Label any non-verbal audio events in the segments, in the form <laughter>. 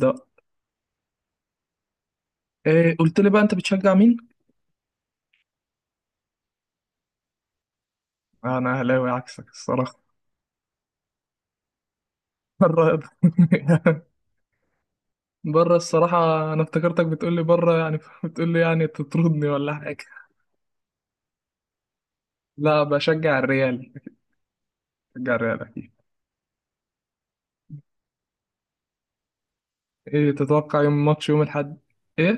ده. إيه قلت لي بقى انت بتشجع مين؟ انا اهلاوي عكسك الصراحه. بره <laughs> بره الصراحه. انا افتكرتك بتقول لي بره يعني، بتقول لي يعني تطردني ولا حاجه. لا بشجع الريال، بشجع الريال اكيد. ايه تتوقع يوم ماتش يوم الاحد؟ ايه؟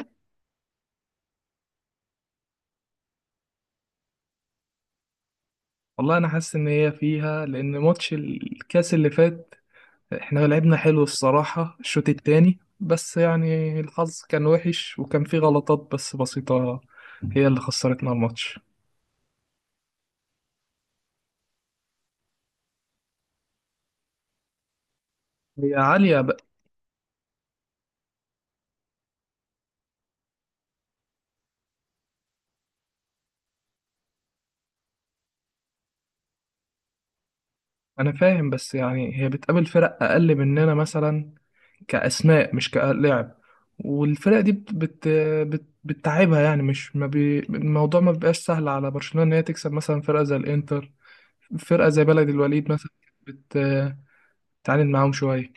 والله انا حاسس ان هي فيها، لان ماتش الكاس اللي فات احنا لعبنا حلو الصراحه الشوط التاني، بس يعني الحظ كان وحش وكان فيه غلطات بس بسيطه، هي اللي خسرتنا الماتش. هي عالية. انا فاهم بس يعني هي بتقابل فرق اقل مننا مثلا، كاسماء مش كلاعب. والفرق دي بت بت بت بتتعبها يعني، مش ما بي الموضوع، ما بيبقاش سهل على برشلونة ان هي تكسب مثلا فرقة زي الانتر، فرقة زي بلد الوليد مثلا. بت بتتعاند معاهم شوية.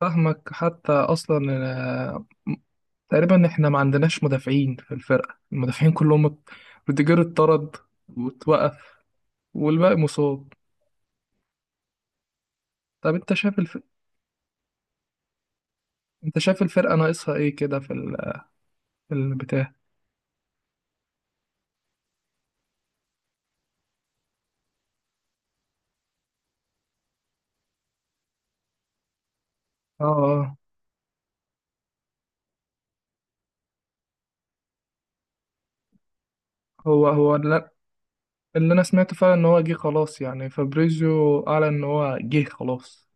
فاهمك حتى اصلا. آه، تقريبا احنا ما عندناش مدافعين في الفرقة، المدافعين كلهم روديجير اتطرد، واتوقف، والباقي مصاب. طب انت شايف، انت شايف الفرقة ناقصها ايه كده في في البتاع؟ اه اه. هو هو اللي, اللي انا سمعته فعلا ان هو جه خلاص، يعني فابريزيو اعلن ان هو جه خلاص.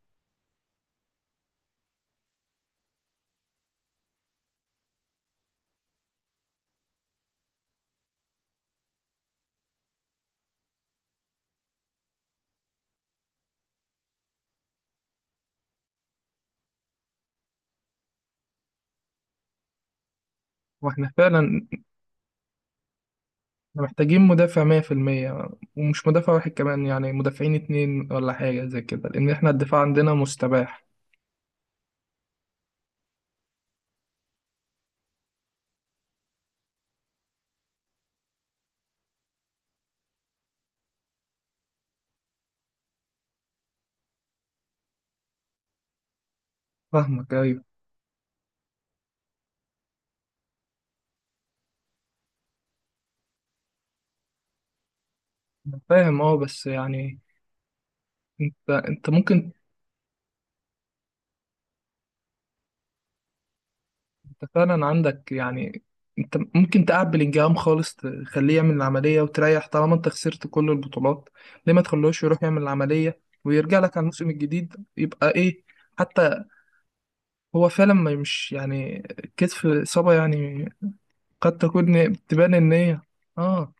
واحنا فعلا محتاجين مدافع 100%، ومش مدافع واحد كمان، يعني مدافعين اتنين ولا حاجة زي كده، لان احنا الدفاع عندنا مستباح. فاهمك ايوه. فاهم اه بس يعني انت ممكن، انت فعلا عندك يعني، انت ممكن تقعد بلينجهام خالص، تخليه يعمل العملية وتريح طالما انت خسرت كل البطولات. ليه ما تخلوش يروح يعمل العملية ويرجع لك على الموسم الجديد يبقى ايه؟ حتى هو فعلا ما مش يعني كتف الإصابة يعني قد تكون تبان ان هي، اه،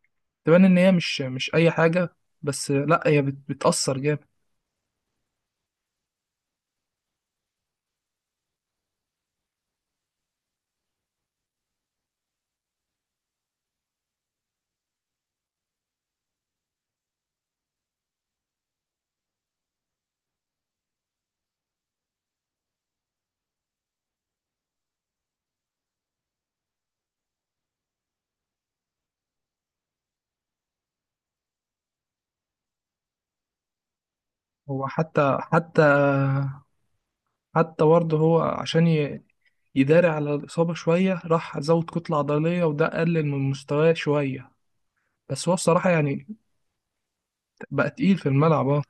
تبان ان هي مش اي حاجة. بس لا هي بتأثر جامد. هو حتى برضه هو عشان يداري على الإصابة شوية، راح زود كتلة عضلية وده قلل من مستواه شوية. بس هو بصراحة يعني بقى تقيل في الملعب اه.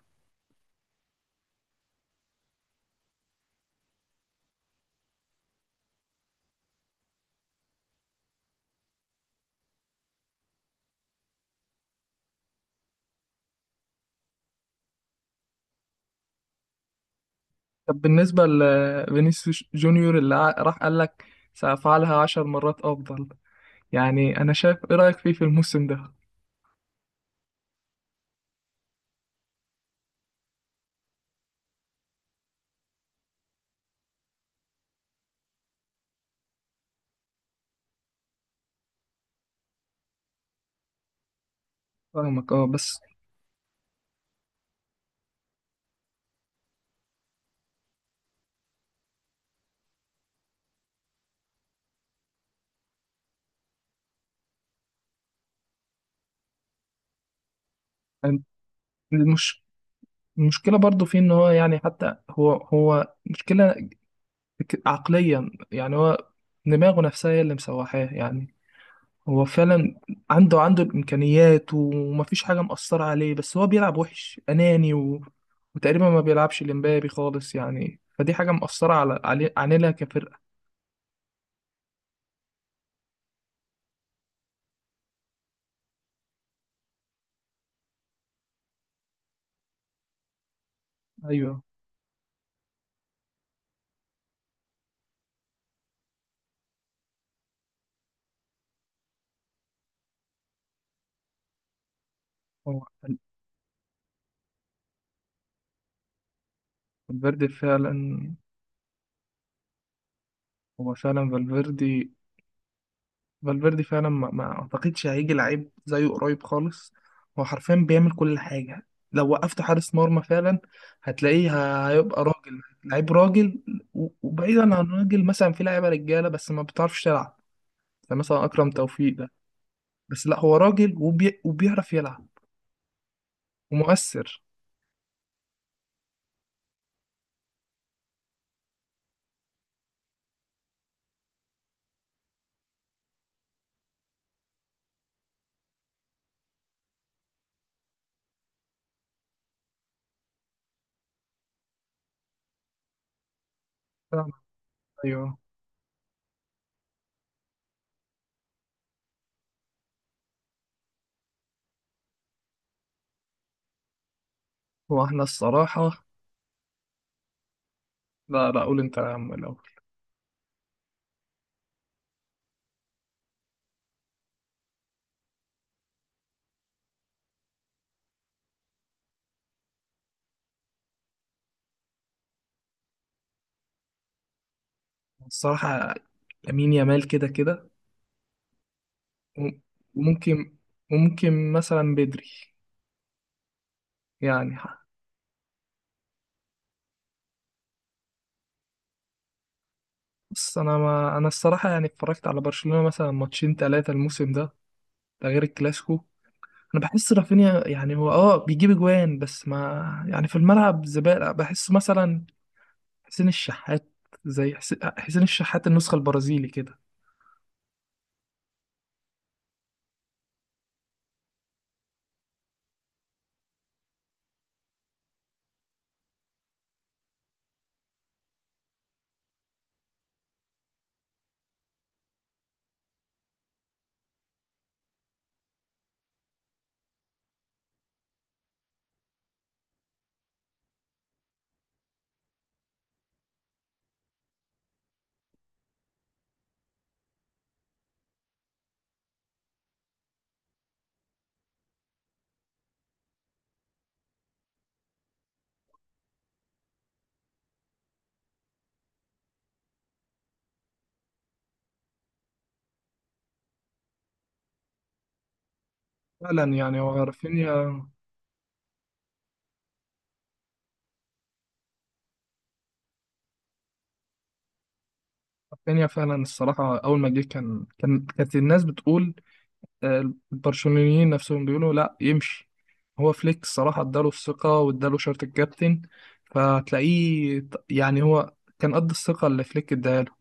طب بالنسبة لفينيسيوس جونيور اللي راح قال لك سأفعلها 10 مرات أفضل، يعني أنا شايف إيه رأيك فيه في الموسم ده؟ فاهمك اه بس. المش... المشكلة برضه فيه إن هو يعني حتى هو مشكلة عقليا يعني هو دماغه نفسها هي اللي مسوحاه يعني. هو فعلا عنده الامكانيات ومفيش حاجه مأثره عليه، بس هو بيلعب وحش اناني و... وتقريبا ما بيلعبش لمبابي خالص، يعني فدي حاجه مأثره علينا كفرقه. ايوه. هو فال- فالفيردي فعلا، هو فعلا فالفيردي، فالفيردي فعلا ما اعتقدش هيجي لعيب زيه قريب خالص. هو حرفيا بيعمل كل حاجه، لو وقفت حارس مرمى فعلا هتلاقيه، هيبقى راجل لعيب راجل. وبعيدا عن راجل، مثلا في لعيبه رجاله بس ما بتعرفش تلعب، زي مثلا أكرم توفيق ده. بس لا هو راجل وبيعرف يلعب ومؤثر. فاهم؟ أيوه. هو احنا الصراحة، لا لا، قول أنت يا عم الأول. الصراحة لامين يامال، كده كده. وم- وممكن وممكن مثلا بدري، يعني بص أنا ما أنا الصراحة يعني اتفرجت على برشلونة مثلا ماتشين تلاتة الموسم ده، ده غير الكلاسيكو. انا بحس رافينيا يعني هو اه بيجيب اجوان، بس ما يعني في الملعب زبالة بحسه مثلا، حسين الشحات، زي حسين الشحات النسخة البرازيلي كده. فعلا يعني هو رافينيا، رافينيا فعلا الصراحة أول ما جه كانت الناس بتقول، البرشلونيين نفسهم بيقولوا لا يمشي. هو فليك الصراحة اداله الثقة واداله شارة الكابتن، فتلاقيه يعني هو كان قد الثقة اللي فليك اداها له.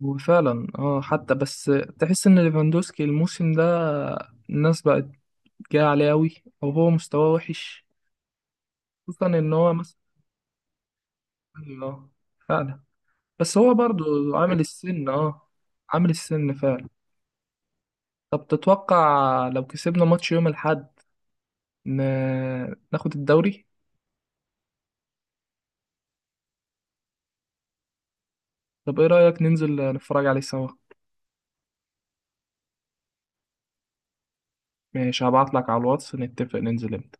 وفعلا اه حتى بس تحس ان ليفاندوسكي الموسم ده الناس بقت جاية عليه أوي، أو هو مستواه وحش، خصوصا ان هو، ايوه، فعلا. بس هو برضو عامل السن اه، عامل السن فعلا. طب تتوقع لو كسبنا ماتش يوم الأحد ن... ناخد الدوري؟ طب ايه رأيك ننزل نتفرج عليه سوا؟ ماشي هبعتلك على الواتس نتفق ننزل امتى.